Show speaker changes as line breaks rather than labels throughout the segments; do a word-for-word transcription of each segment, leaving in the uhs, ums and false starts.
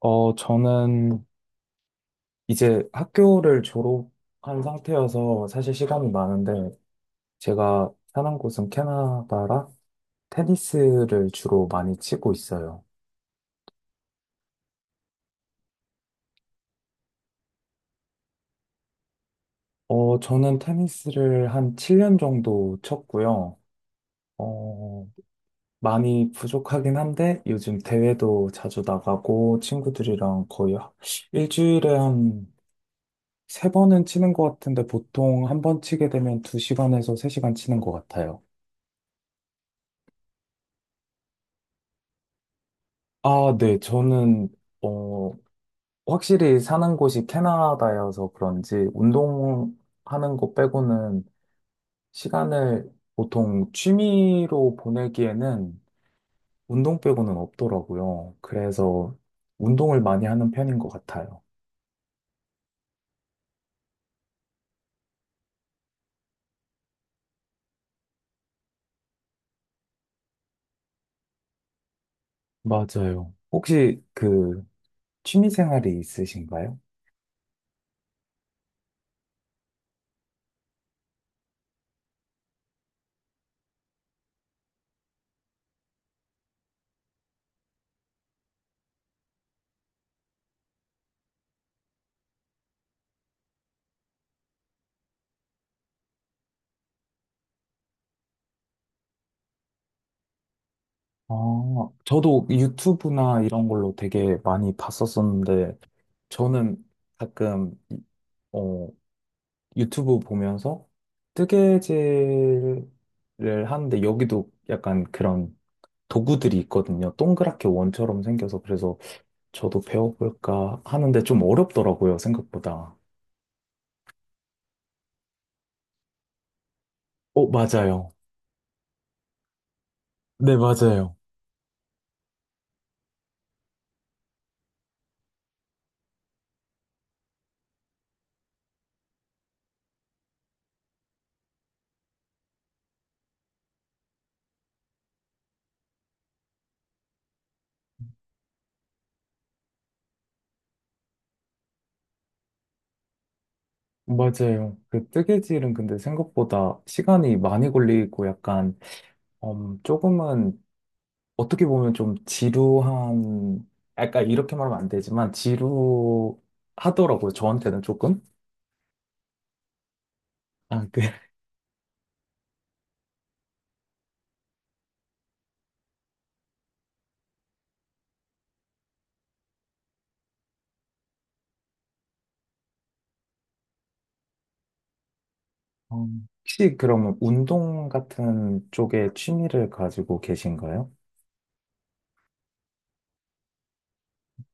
어, 저는 이제 학교를 졸업한 상태여서 사실 시간이 많은데, 제가 사는 곳은 캐나다라 테니스를 주로 많이 치고 있어요. 어, 저는 테니스를 한 칠 년 정도 쳤고요. 어, 많이 부족하긴 한데, 요즘 대회도 자주 나가고, 친구들이랑 거의 하- 일주일에 한 세 번은 치는 것 같은데, 보통 한 번 치게 되면 두 시간에서 세 시간 치는 것 같아요. 아, 네. 저는, 어, 확실히 사는 곳이 캐나다여서 그런지 운동하는 거 빼고는 시간을 보통 취미로 보내기에는 운동 빼고는 없더라고요. 그래서 운동을 많이 하는 편인 것 같아요. 맞아요. 혹시 그 취미 생활이 있으신가요? 아, 저도 유튜브나 이런 걸로 되게 많이 봤었었는데 저는 가끔 어, 유튜브 보면서 뜨개질을 하는데 여기도 약간 그런 도구들이 있거든요. 동그랗게 원처럼 생겨서 그래서 저도 배워볼까 하는데 좀 어렵더라고요, 생각보다. 어, 맞아요. 네, 맞아요. 맞아요. 그 뜨개질은 근데 생각보다 시간이 많이 걸리고 약간 음, 조금은 어떻게 보면 좀 지루한 약간 이렇게 말하면 안 되지만 지루하더라고요. 저한테는 조금. 아, 그 어, 혹시 그럼 운동 같은 쪽에 취미를 가지고 계신가요?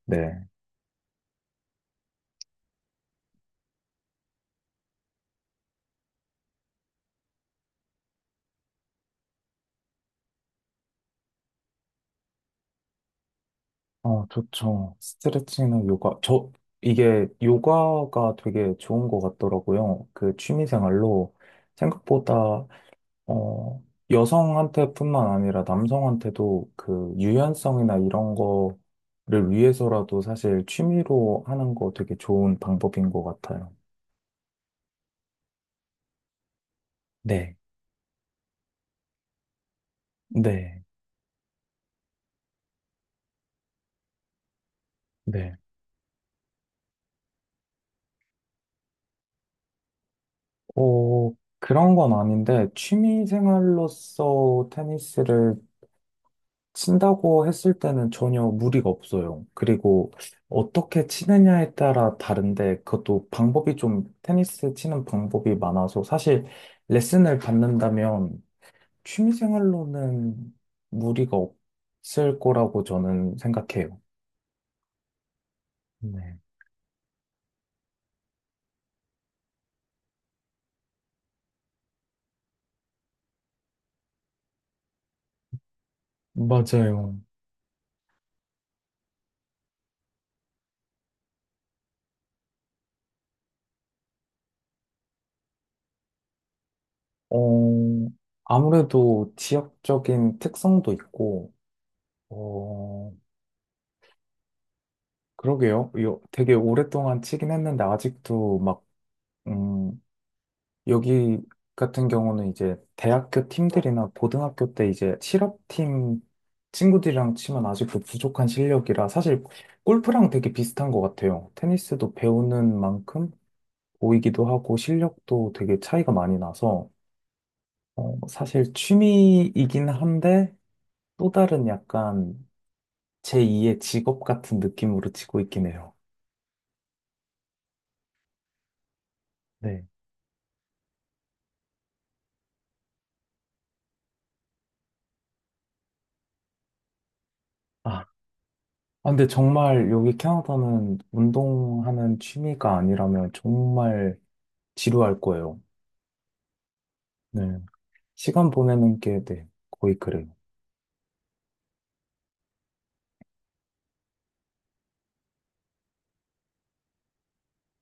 네. 어, 좋죠. 스트레칭이나 요가. 저, 이게 요가가 되게 좋은 것 같더라고요. 그 취미 생활로 생각보다, 어, 여성한테뿐만 아니라 남성한테도 그 유연성이나 이런 거를 위해서라도 사실 취미로 하는 거 되게 좋은 방법인 것 같아요. 네. 네. 네. 어, 그런 건 아닌데, 취미 생활로서 테니스를 친다고 했을 때는 전혀 무리가 없어요. 그리고 어떻게 치느냐에 따라 다른데, 그것도 방법이 좀, 테니스 치는 방법이 많아서, 사실 레슨을 받는다면 취미 생활로는 무리가 없을 거라고 저는 생각해요. 네. 맞아요. 어, 아무래도 지역적인 특성도 있고, 어, 그러게요. 이 되게 오랫동안 치긴 했는데 아직도 막, 음, 여기 같은 경우는 이제 대학교 팀들이나 고등학교 때 이제 실업팀 친구들이랑 치면 아직도 부족한 실력이라 사실 골프랑 되게 비슷한 것 같아요. 테니스도 배우는 만큼 보이기도 하고 실력도 되게 차이가 많이 나서 어, 사실 취미이긴 한데 또 다른 약간 제이의 직업 같은 느낌으로 치고 있긴 해요. 네. 아, 아, 근데 정말 여기 캐나다는 운동하는 취미가 아니라면 정말 지루할 거예요. 네. 시간 보내는 게 네, 거의 그래요.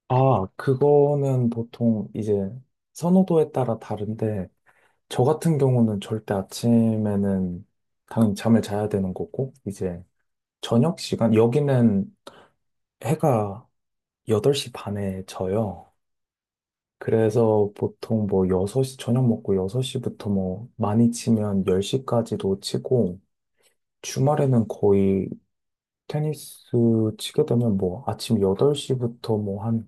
아, 그거는 보통 이제 선호도에 따라 다른데, 저 같은 경우는 절대 아침에는 당연히 잠을 자야 되는 거고, 이제 저녁 시간, 여기는 해가 여덟 시 반에 져요. 그래서 보통 뭐 여섯 시 저녁 먹고 여섯 시부터 뭐 많이 치면 열 시까지도 치고, 주말에는 거의 테니스 치게 되면 뭐 아침 여덟 시부터 뭐 한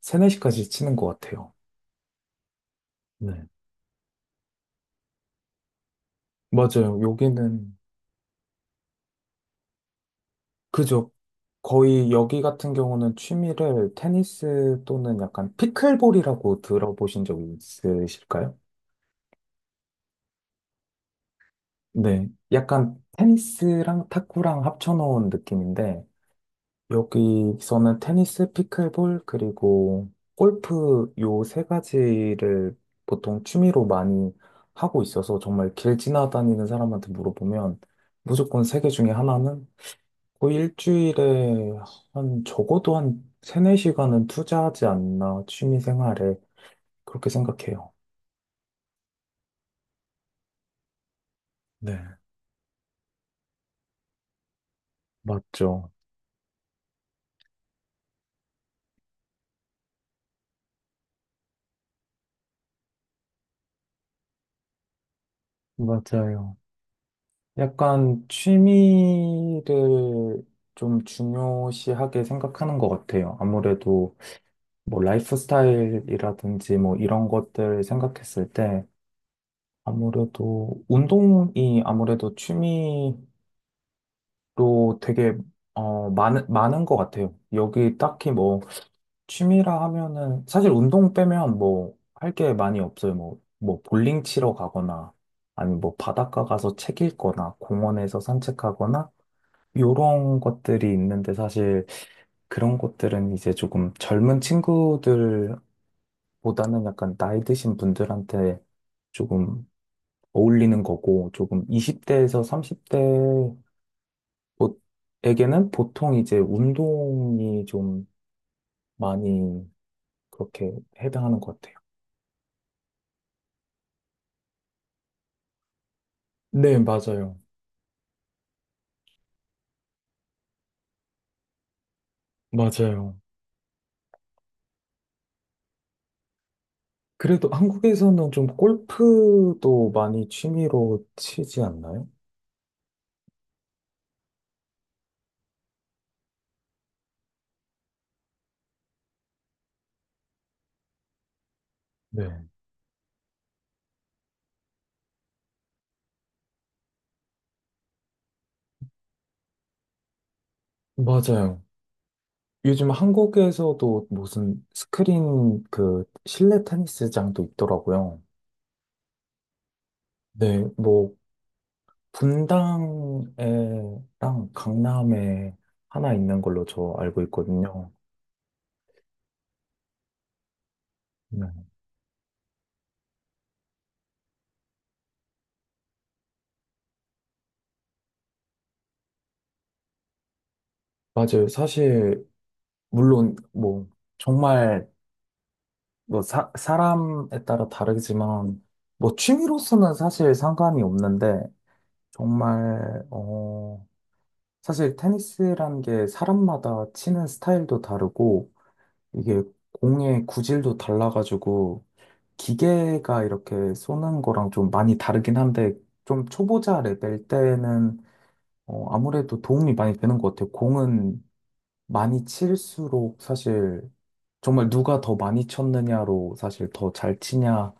세, 네 시까지 치는 것 같아요. 네. 맞아요. 여기는, 그죠. 거의 여기 같은 경우는 취미를 테니스 또는 약간 피클볼이라고 들어보신 적 있으실까요? 네. 약간 테니스랑 탁구랑 합쳐놓은 느낌인데, 여기서는 테니스, 피클볼, 그리고 골프 요 세 가지를 보통 취미로 많이 하고 있어서 정말 길 지나다니는 사람한테 물어보면 무조건 세 개 중에 하나는 거의 일주일에 한 적어도 한 세네 시간은 투자하지 않나 취미 생활에 그렇게 생각해요. 네, 맞죠. 맞아요. 약간 취미를 좀 중요시하게 생각하는 것 같아요. 아무래도 뭐 라이프 스타일이라든지 뭐 이런 것들 생각했을 때 아무래도 운동이 아무래도 취미로 되게 어 많은 많은 것 같아요. 여기 딱히 뭐 취미라 하면은 사실 운동 빼면 뭐 할 게 많이 없어요. 뭐 뭐 볼링 치러 가거나 아니면 뭐 바닷가 가서 책 읽거나 공원에서 산책하거나 요런 것들이 있는데 사실 그런 것들은 이제 조금 젊은 친구들 보다는 약간 나이 드신 분들한테 조금 어울리는 거고, 조금 이십 대에서 삼십 대에게는 보통 이제 운동이 좀 많이 그렇게 해당하는 것 같아요. 네, 맞아요. 맞아요. 그래도 한국에서는 좀 골프도 많이 취미로 치지 않나요? 네. 맞아요. 요즘 한국에서도 무슨 스크린 그 실내 테니스장도 있더라고요. 네, 뭐 분당에랑 강남에 하나 있는 걸로 저 알고 있거든요. 네. 맞아요. 사실, 물론, 뭐, 정말, 뭐, 사, 사람에 따라 다르지만, 뭐, 취미로서는 사실 상관이 없는데, 정말, 어, 사실 테니스란 게 사람마다 치는 스타일도 다르고, 이게 공의 구질도 달라가지고, 기계가 이렇게 쏘는 거랑 좀 많이 다르긴 한데, 좀 초보자 레벨 때는 어, 아무래도 도움이 많이 되는 것 같아요. 공은 많이 칠수록 사실 정말 누가 더 많이 쳤느냐로 사실 더 잘 치냐,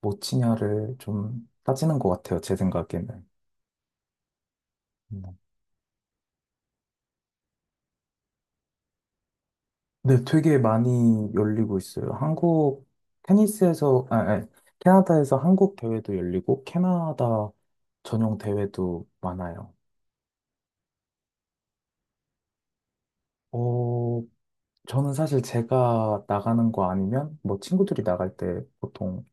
못 치냐를 좀 따지는 것 같아요. 제 생각에는. 음. 네, 되게 많이 열리고 있어요. 한국 테니스에서, 아, 아, 캐나다에서 한국 대회도 열리고, 캐나다 전용 대회도 많아요. 어, 저는 사실 제가 나가는 거 아니면 뭐 친구들이 나갈 때 보통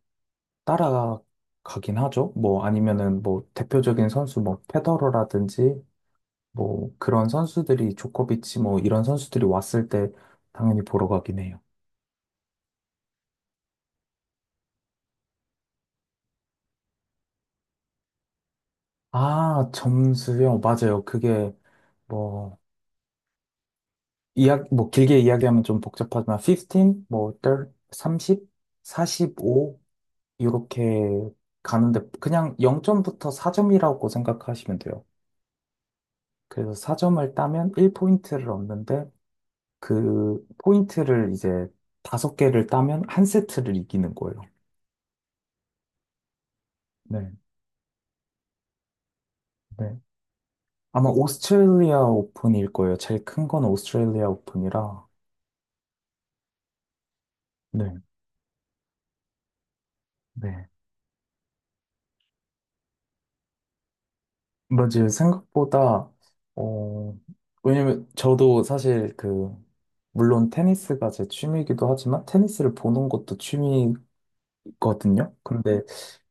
따라가긴 하죠. 뭐 아니면은 뭐 대표적인 선수 뭐 페더러라든지 뭐 그런 선수들이 조코비치 뭐 이런 선수들이 왔을 때 당연히 보러 가긴 해요. 아, 점수요? 맞아요. 그게 뭐 이야 뭐 길게 이야기하면 좀 복잡하지만 십오, 뭐삼 삼십, 사십오 이렇게 가는데 그냥 영 점부터 사 점이라고 생각하시면 돼요. 그래서 사 점을 따면 일 포인트를 얻는데 그 포인트를 이제 다섯 개를 따면 한 세트를 이기는 거예요. 네, 네. 아마 오스트레일리아 오픈일 거예요. 제일 큰 건 오스트레일리아 오픈이라. 네, 네. 맞아요. 생각보다, 어, 왜냐면 저도 사실 그, 물론 테니스가 제 취미이기도 하지만 테니스를 보는 것도 취미 거든요. 그런데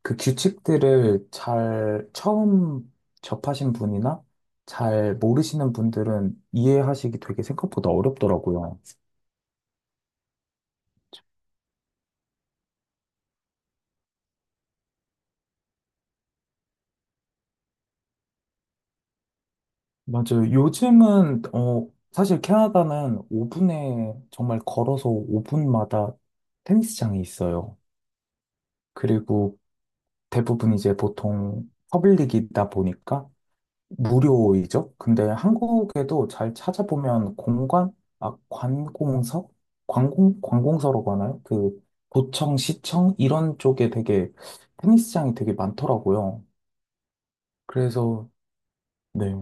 그 규칙들을 잘 처음 접하신 분이나 잘 모르시는 분들은 이해하시기 되게 생각보다 어렵더라고요. 맞아요. 요즘은 어 사실 캐나다는 오 분에 정말 걸어서 오 분마다 테니스장이 있어요. 그리고 대부분 이제 보통 퍼블릭이다 보니까 무료이죠? 근데 한국에도 잘 찾아보면 공관, 아, 관공서? 관공, 관공서라고 하나요? 그, 도청, 시청? 이런 쪽에 되게 테니스장이 되게 많더라고요. 그래서, 네.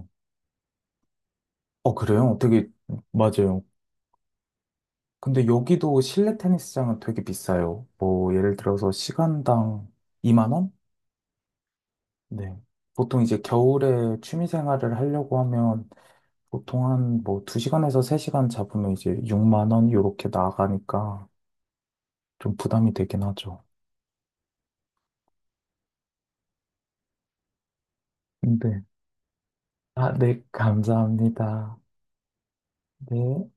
어, 그래요? 되게, 맞아요. 근데 여기도 실내 테니스장은 되게 비싸요. 뭐, 예를 들어서 시간당 이만 원? 네. 보통 이제 겨울에 취미 생활을 하려고 하면 보통 한 뭐 두 시간에서 세 시간 잡으면 이제 육만 원 요렇게 나가니까 좀 부담이 되긴 하죠. 근데 아, 네, 감사합니다. 네.